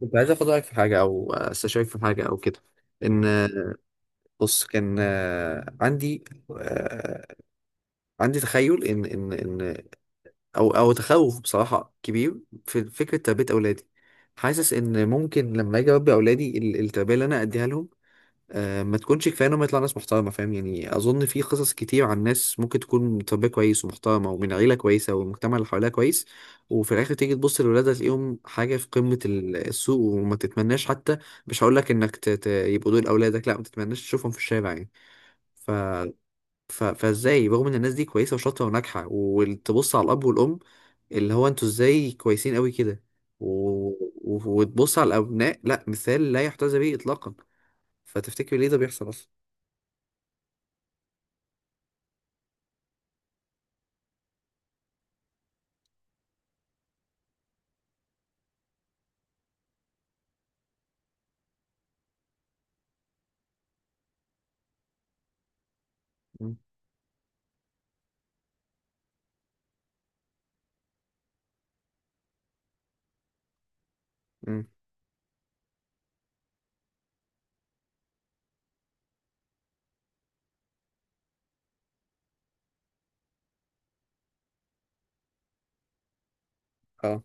كنت عايز اخد رايك في حاجه او استشيرك في حاجه او كده. ان مم. بص، كان آه، عندي تخيل ان او تخوف بصراحه كبير في فكره تربيه اولادي. حاسس ان ممكن لما اجي اربي اولادي، التربيه اللي انا اديها لهم ما تكونش كفايه انهم يطلع ناس محترمه، فاهم؟ يعني اظن في قصص كتير عن ناس ممكن تكون تربيه كويس ومحترمه ومن عيله كويسه والمجتمع اللي حواليها كويس، وفي الاخر تيجي تبص لولادها تلاقيهم حاجه في قمه السوء وما تتمناش حتى. مش هقول لك انك يبقوا دول اولادك، لا، ما تتمناش تشوفهم في الشارع يعني. ف... فازاي رغم ان الناس دي كويسه وشاطره وناجحه، وتبص على الاب والام اللي هو انتوا ازاي كويسين قوي كده، و... وتبص على الابناء لا مثال لا يحتذى به اطلاقا؟ فتفتكر ليه ده بيحصل اصلا؟ مم. مم. اه.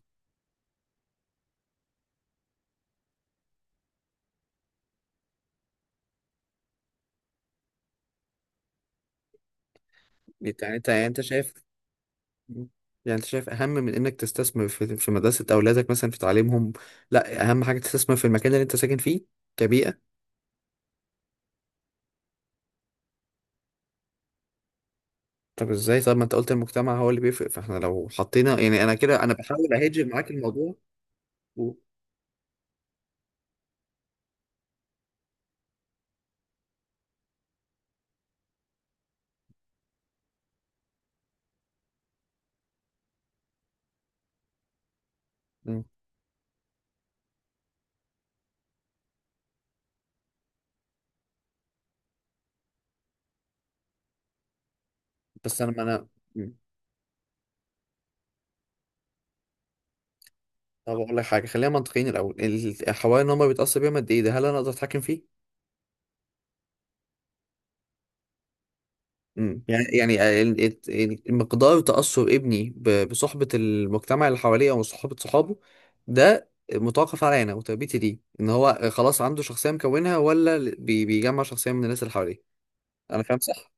يعني انت شايف. مم. يعني انت شايف اهم من انك تستثمر في مدرسة اولادك، مثلا في تعليمهم، لا اهم حاجة تستثمر في المكان اللي انت ساكن فيه كبيئة؟ طب ازاي؟ ما انت قلت المجتمع هو اللي بيفرق، فاحنا لو حطينا يعني انا كده انا بحاول اهجر معاك الموضوع. و... مم. بس انا ما انا مم. طب اقول لك حاجة، خلينا منطقيين الاول. الحوالي ان هم بيتأثر بيهم قد ايه ده، هل انا اقدر اتحكم فيه؟ مم. يعني مقدار تأثر ابني بصحبة المجتمع اللي حواليه أو صحبة صحابه، ده متوقف عليا أنا وتربيتي دي، إن هو خلاص عنده شخصية مكونها ولا بيجمع شخصية من الناس اللي حواليه. أنا فاهم، صح؟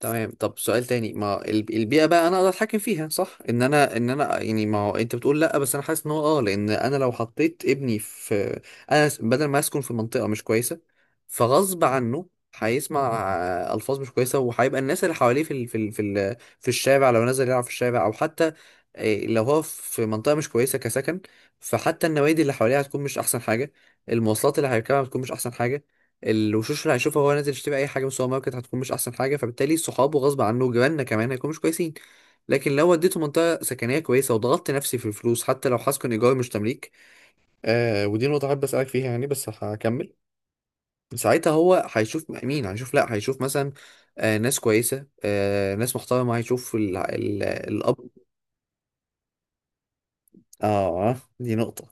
تمام. طب سؤال تاني، ما البيئة بقى انا اقدر اتحكم فيها، صح؟ ان انا يعني، ما هو انت بتقول لا، بس انا حاسس ان هو اه، لان انا لو حطيت ابني في، بدل ما اسكن في منطقة مش كويسة، فغصب عنه هيسمع الفاظ مش كويسة، وهيبقى الناس اللي حواليه في الشارع، لو نزل يلعب في الشارع، او حتى لو هو في منطقة مش كويسة كسكن، فحتى النوادي اللي حواليه هتكون مش احسن حاجة، المواصلات اللي هيركبها هتكون مش احسن حاجة، الوشوش اللي هيشوفها وهو نازل يشتري اي حاجه من السوبر ماركت هتكون مش احسن حاجه، فبالتالي صحابه غصب عنه وجيراننا كمان هيكونوا مش كويسين. لكن لو وديته منطقه سكنيه كويسه وضغطت نفسي في الفلوس، حتى لو هسكن ايجار مش تمليك، ودي نقطه احب اسالك فيها يعني، بس هكمل. ساعتها هو هيشوف مين؟ هيشوف، لا هيشوف مثلا ناس كويسه، ناس محترمه، هيشوف ال ال الاب. اه، دي نقطه.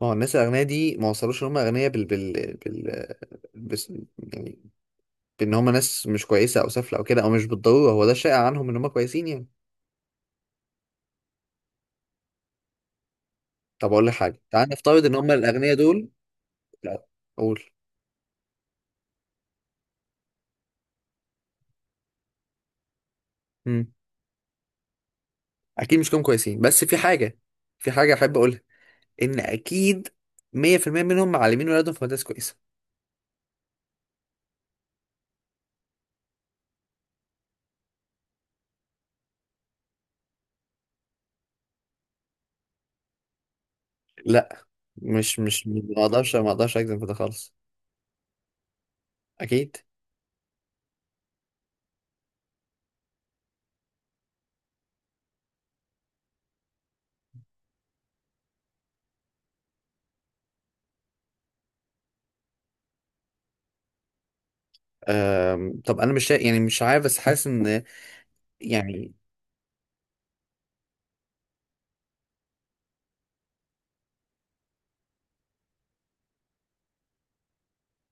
ما هو الناس الأغنياء دي ما وصلوش إن هم أغنياء بال بال بال بس يعني، ان هم ناس مش كويسه او سافله او كده، او مش بالضروره هو ده شائع عنهم ان هم كويسين يعني. طب اقول لك حاجه، تعال نفترض ان هم الاغنياء دول. لا. اقول. امم اكيد مش كلهم كويسين، بس في حاجه، احب اقولها، ان اكيد 100% منهم معلمين ولادهم في مدارس كويسه. لا، مش مش ما اقدرش اجزم في ده خالص. اكيد. طب انا مش شا... يعني مش عارف، بس حاسس ان يعني.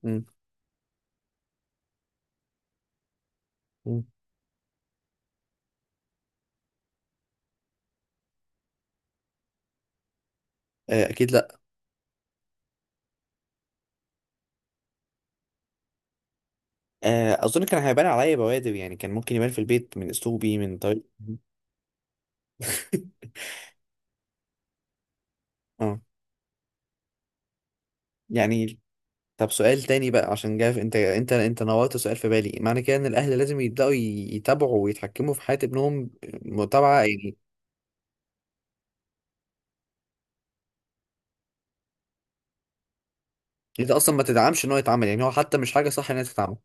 مم. مم. اكيد لا. اظن كان هيبان عليا بوادر، يعني كان ممكن يبان في البيت من اسلوبي، من طريقتي. اه يعني. طب سؤال تاني بقى، عشان جاي انت نورت سؤال في بالي، معنى كده ان الاهل لازم يبداوا يتابعوا ويتحكموا في حياه ابنهم، متابعه يعني؟ انت اصلا ما تدعمش ان هو يتعمل، يعني هو حتى مش حاجه صح ان هي تتعمل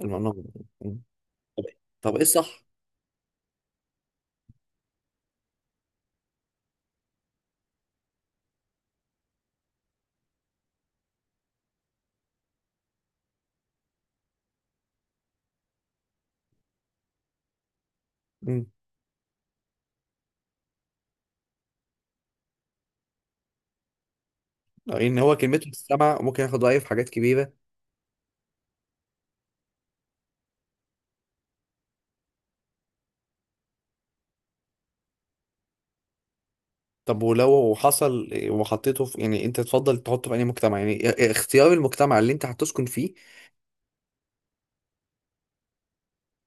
الموضوع ده؟ م. طب، ايه الصح؟ م. ان هو كلمته تتسمع وممكن ياخد رايه في حاجات كبيره؟ طب ولو حصل وحطيته في، يعني انت تفضل تحطه في اي مجتمع؟ يعني اختيار المجتمع اللي انت هتسكن فيه.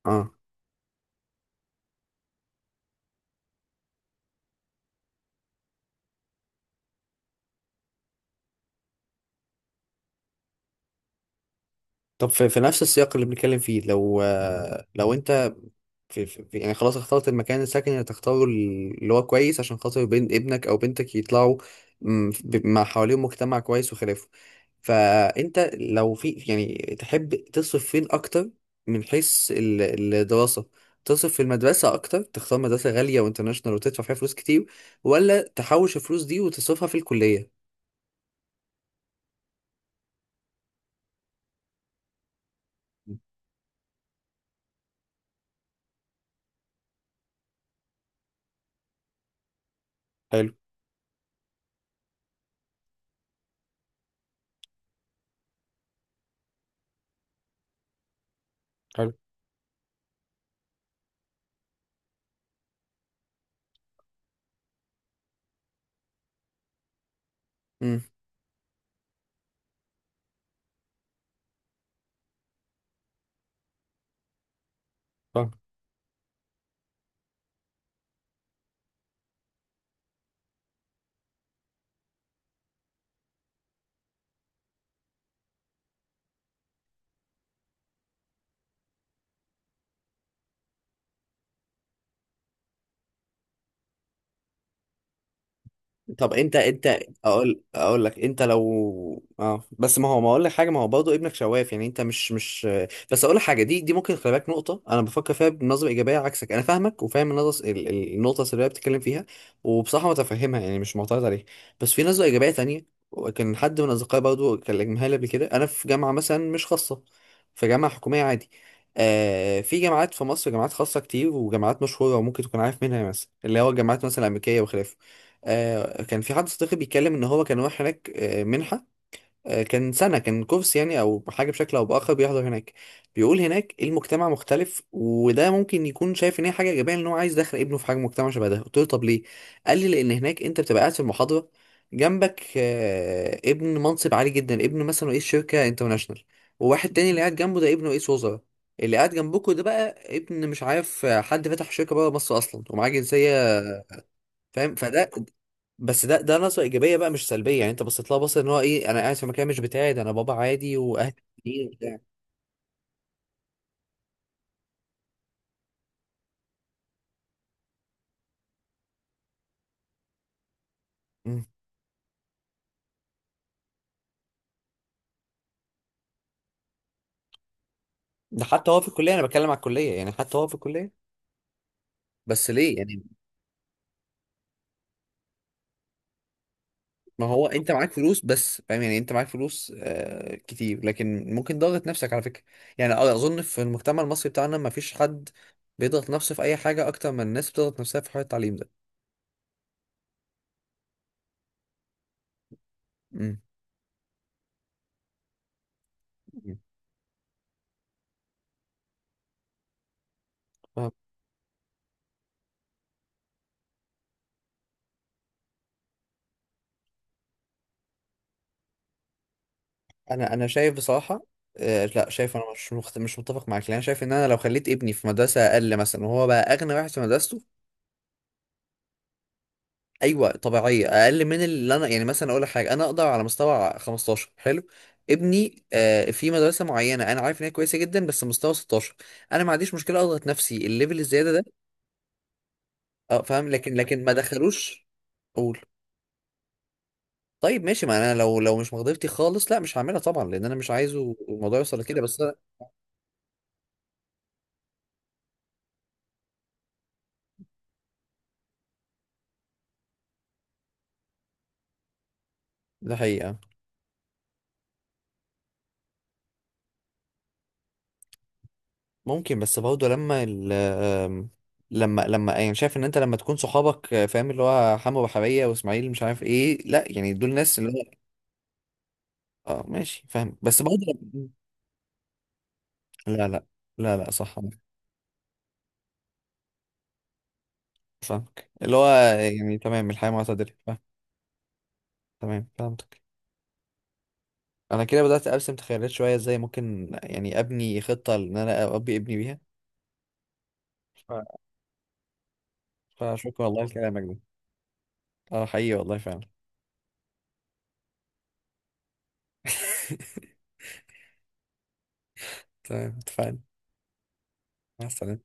اه. طب في، نفس السياق اللي بنتكلم فيه، لو لو انت يعني خلاص اخترت المكان، السكن اللي تختاره اللي هو كويس، عشان خاطر بين ابنك او بنتك يطلعوا مع حواليهم مجتمع كويس وخلافه، فانت لو في يعني، تحب تصرف فين اكتر؟ من حيث الدراسة، تصرف في المدرسة أكتر، تختار مدرسة غالية وانترناشونال وتدفع فيها فلوس كتير، ولا تحوش الفلوس دي وتصرفها في الكلية؟ حلو. حلو. امم فاهم. طب انت، اقول لك، انت لو اه، بس ما هو، ما اقول لك حاجه، ما هو برضه ابنك شواف، يعني انت مش، بس اقول لك حاجه، دي ممكن خلي بالك، نقطه انا بفكر فيها بنظره ايجابيه عكسك. انا فاهمك وفاهم النظر، النقطه السلبيه اللي بتتكلم فيها، وبصراحه متفهمها يعني، مش معترض عليها، بس في نظره ايجابيه تانية. وكان حد من اصدقائي برضه كلمها لي قبل كده، انا في جامعه مثلا مش خاصه، في جامعه حكوميه عادي، في جامعات في مصر جامعات خاصه كتير وجامعات مشهوره وممكن تكون عارف منها، مثلا اللي هو الجامعات مثلا الامريكيه وخلافه. كان في حد صديقي بيتكلم ان هو كان رايح هناك، منحه، كان كورس يعني او حاجه بشكل او باخر، بيحضر هناك. بيقول هناك المجتمع مختلف، وده ممكن يكون شايف ان هي حاجه ايجابيه، ان هو عايز يدخل ابنه في حاجه مجتمع شبه ده. قلت له طب ليه؟ قال لي لان هناك انت بتبقى قاعد في المحاضره، جنبك ابن منصب عالي جدا، ابن مثلا رئيس شركه انترناشونال، وواحد تاني اللي قاعد جنبه ده ابن رئيس وزراء، اللي قاعد جنبكوا ده بقى ابن مش عارف حد فتح شركه بره مصر اصلا ومعاه جنسيه. فاهم؟ فده، بس ده نظره ايجابيه بقى، مش سلبيه، يعني انت بصيت لها بصه ان هو ايه، انا قاعد في مكان مش بتاعي، ده انا بابا عادي واهلي عاديين وبتاع. مم. ده حتى هو في الكليه، انا بتكلم على الكليه، يعني حتى هو في الكليه. بس ليه يعني؟ ما هو انت معاك فلوس بس، فاهم يعني، انت معاك فلوس كتير، لكن ممكن ضغط نفسك على فكره. يعني اظن في المجتمع المصري بتاعنا ما فيش حد بيضغط نفسه في اي حاجه اكتر من الناس بتضغط نفسها في حوار التعليم ده. امم. انا شايف بصراحه لا، شايف انا مش متفق معاك، لان انا شايف ان انا لو خليت ابني في مدرسه اقل مثلا، وهو بقى اغنى واحد في مدرسته. ايوه طبيعيه، اقل من اللي انا، يعني مثلا اقول لك حاجه، انا اقدر على مستوى 15، حلو، ابني في مدرسه معينه انا عارف ان هي كويسه جدا، بس مستوى 16، انا ما عنديش مشكله اضغط نفسي الليفل الزياده ده. اه، فاهم، لكن ما دخلوش. قول. طيب ماشي، ما انا لو، مش مقدرتي خالص، لا مش هعملها طبعا، لان انا مش عايزه الموضوع يوصل لكده، بس ده حقيقه. ممكن بس برضه لما ال آم، لما يعني شايف ان انت لما تكون صحابك فاهم، اللي هو حمو بحرية واسماعيل مش عارف ايه، لا يعني دول ناس اللي هو، اه ماشي، فاهم، بس برضه. لا، لا، لا، لا، صح. فاهمك اللي هو يعني، تمام، الحياة معتدلة، فاهم. تمام، فهمتك. انا كده بدأت ارسم تخيلات شوية ازاي ممكن يعني ابني خطة ان انا اربي ابني بيها. ف- فشكرا والله لكلامك ده. اه حقيقي والله فعلا. تمام، اتفقنا. مع السلامة.